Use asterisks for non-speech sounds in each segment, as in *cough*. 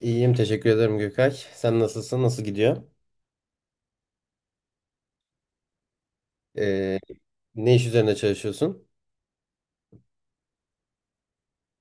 İyiyim, teşekkür ederim Gökay. Sen nasılsın? Nasıl gidiyor? Ee, ne iş üzerine çalışıyorsun?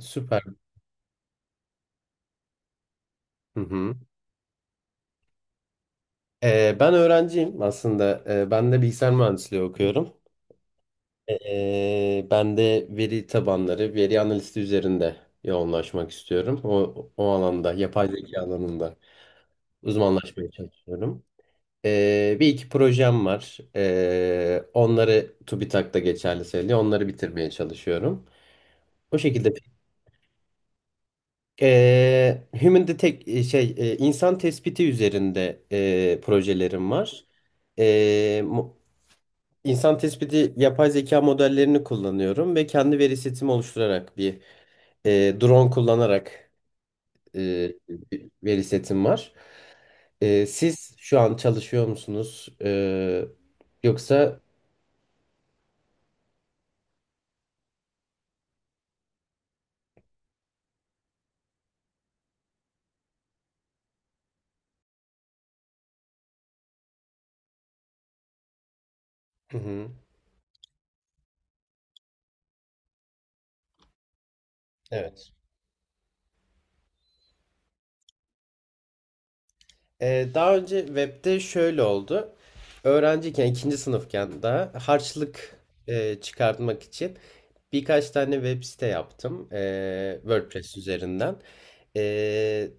Süper. Hı hı. Ben öğrenciyim aslında. Ben de bilgisayar mühendisliği okuyorum. Ben de veri tabanları, veri analisti üzerinde yoğunlaşmak istiyorum. O alanda, yapay zeka alanında uzmanlaşmaya çalışıyorum. Bir iki projem var. Onları TÜBİTAK'ta geçerli sayılıyor. Onları bitirmeye çalışıyorum. O şekilde. Human Detect insan tespiti üzerinde projelerim var. Mo- insan tespiti yapay zeka modellerini kullanıyorum ve kendi veri setimi oluşturarak bir drone kullanarak bir veri setim var. Siz şu an çalışıyor musunuz? Yoksa. Hı hı, evet. Daha önce webde şöyle oldu. Öğrenciyken, ikinci sınıfken daha harçlık çıkartmak için birkaç tane web site yaptım. WordPress üzerinden. E,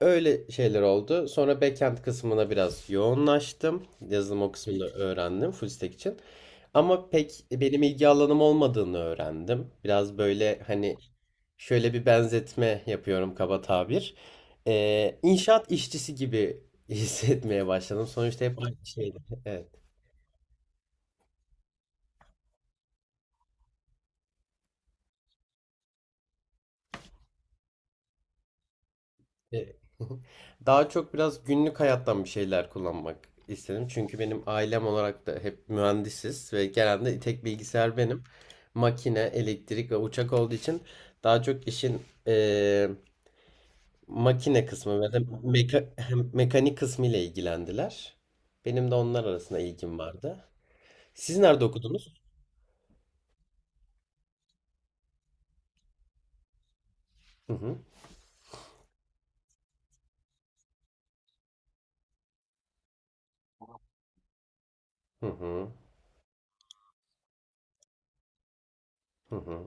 Öyle şeyler oldu. Sonra backend kısmına biraz yoğunlaştım. Yazılım o kısmını öğrendim full stack için. Ama pek benim ilgi alanım olmadığını öğrendim. Biraz böyle hani şöyle bir benzetme yapıyorum, kaba tabir. İnşaat işçisi gibi *laughs* hissetmeye başladım. Sonuçta hep aynı şeydi. Evet. E, *laughs* Daha çok biraz günlük hayattan bir şeyler kullanmak istedim. Çünkü benim ailem olarak da hep mühendisiz ve genelde tek bilgisayar benim. Makine, elektrik ve uçak olduğu için daha çok işin e, makine kısmı ve de hem mekanik kısmı ile ilgilendiler. Benim de onlar arasında ilgim vardı. Siz nerede okudunuz? Hı hı. Hı hı. Hı hı.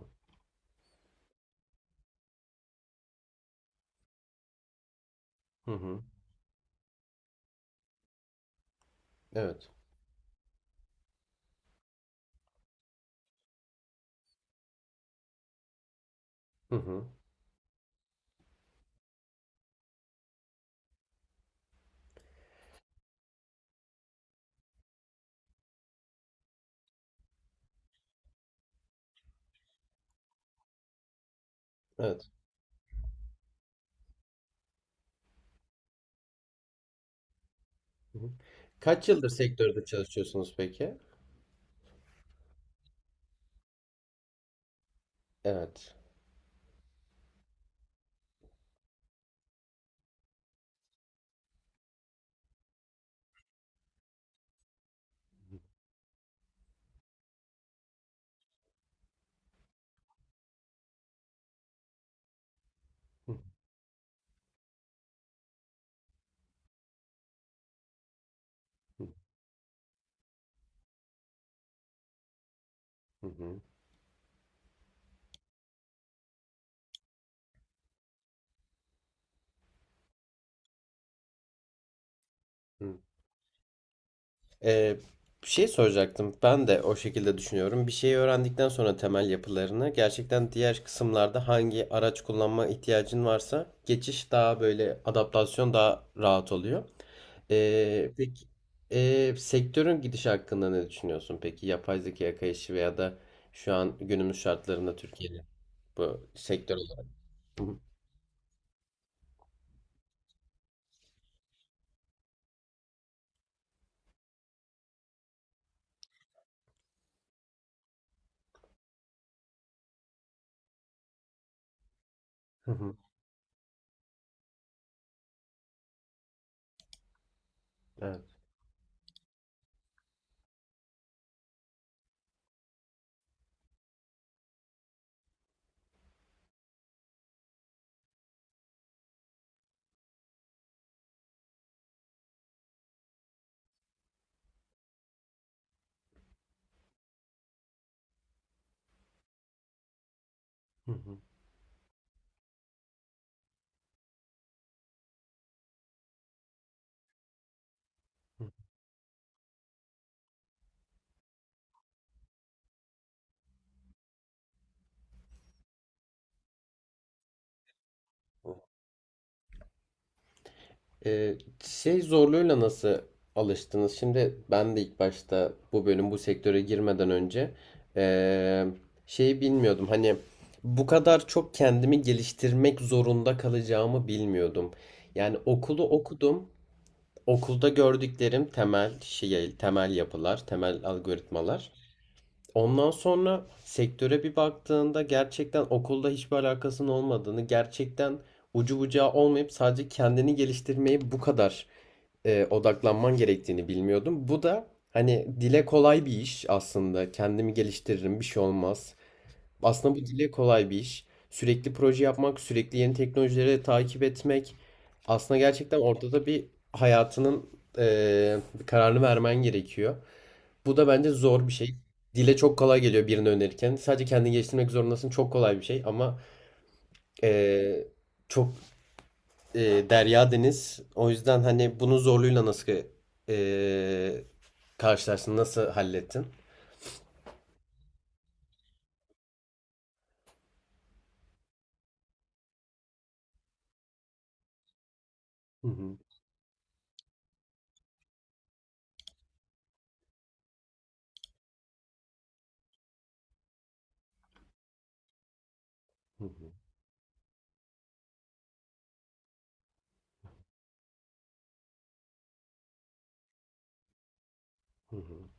Hı hı. Evet. Hı hı. Evet. Hı hı. Kaç yıldır sektörde çalışıyorsunuz peki? Evet. Hı hı. Hı. Ee, bir şey soracaktım. Ben de o şekilde düşünüyorum. Bir şeyi öğrendikten sonra temel yapılarını gerçekten diğer kısımlarda hangi araç kullanma ihtiyacın varsa geçiş daha böyle, adaptasyon daha rahat oluyor. Peki, sektörün gidişi hakkında ne düşünüyorsun peki? Yapay zekaya kayışı veya da şu an günümüz şartlarında Türkiye'de bu sektör olarak. Hı hı. Hı hı. Evet. Hı hı. Hı. Ee, şey zorluğuyla nasıl alıştınız? Şimdi ben de ilk başta bu bölüm, bu sektöre girmeden önce ee, şeyi bilmiyordum. Hani bu kadar çok kendimi geliştirmek zorunda kalacağımı bilmiyordum. Yani okulu okudum. Okulda gördüklerim temel şey, temel yapılar, temel algoritmalar. Ondan sonra sektöre bir baktığında gerçekten okulda hiçbir alakasının olmadığını, gerçekten ucu bucağı olmayıp sadece kendini geliştirmeye bu kadar odaklanman gerektiğini bilmiyordum. Bu da hani dile kolay bir iş aslında. Kendimi geliştiririm, bir şey olmaz. Aslında bu dile kolay bir iş. Sürekli proje yapmak, sürekli yeni teknolojileri takip etmek. Aslında gerçekten ortada bir hayatının bir kararını vermen gerekiyor. Bu da bence zor bir şey. Dile çok kolay geliyor birini önerirken. Sadece kendini geliştirmek zorundasın. Çok kolay bir şey ama eee, çok derya deniz. O yüzden hani bunun zorluğuyla nasıl eee karşılaştın? Nasıl hallettin? Hı hı, hı hı, hı hı,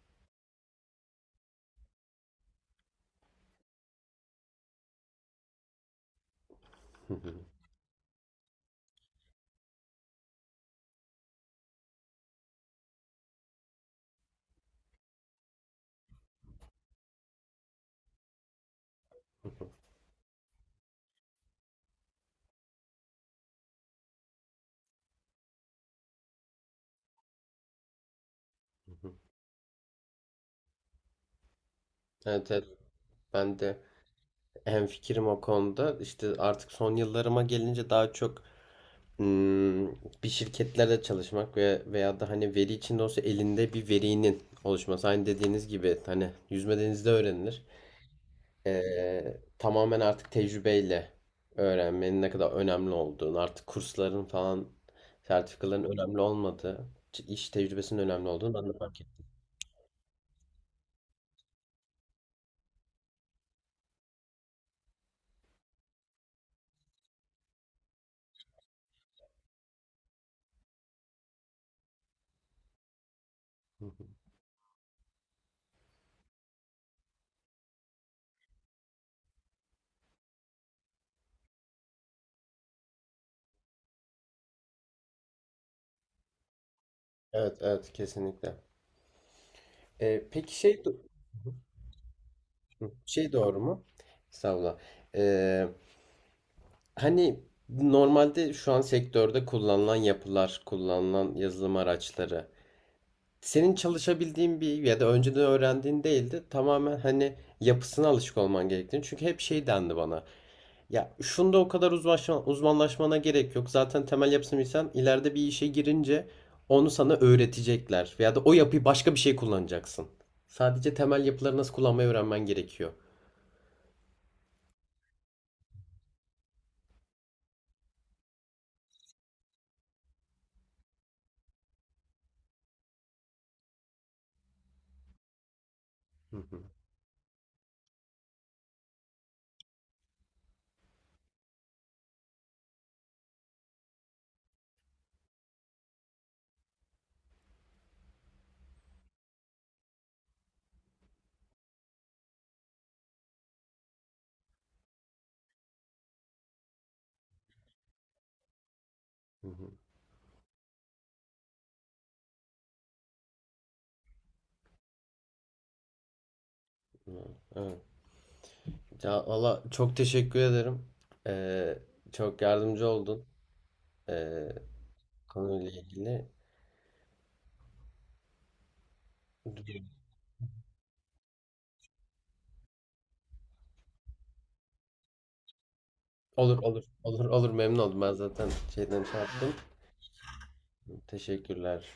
hı hı, hı hı. Evet, evet. Ben de hemfikirim o konuda. İşte artık son yıllarıma gelince daha çok Hmm, bir şirketlerde çalışmak veya da hani veri içinde olsa elinde bir verinin oluşması. Aynı dediğiniz gibi hani yüzme denizde öğrenilir. Tamamen artık tecrübeyle öğrenmenin ne kadar önemli olduğunu, artık kursların falan sertifikaların önemli olmadığı, iş tecrübesinin önemli olduğunu ben de fark ettim. Hı hı. Evet, evet, kesinlikle. Peki, şey doğru mu? Estağfurullah. Ee, Hani normalde şu an sektörde kullanılan yapılar, kullanılan yazılım araçları senin çalışabildiğin bir ya da önceden öğrendiğin değildi. Tamamen hani yapısına alışık olman gerektiğini. Çünkü hep şey dendi bana. Ya şunda o kadar uzmanlaşmana gerek yok. Zaten temel yapısını bilsen ileride bir işe girince onu sana öğretecekler. Veya da o yapıyı başka bir şey kullanacaksın. Sadece temel yapıları nasıl kullanmayı öğrenmen gerekiyor. Hı hı, hı hı. Hı. Evet. Ya valla çok teşekkür ederim. Ee, çok yardımcı oldun ee, konuyla ilgili. Olur olur olur olur, memnun oldum. Ben zaten şeyden şey yaptım. Teşekkürler.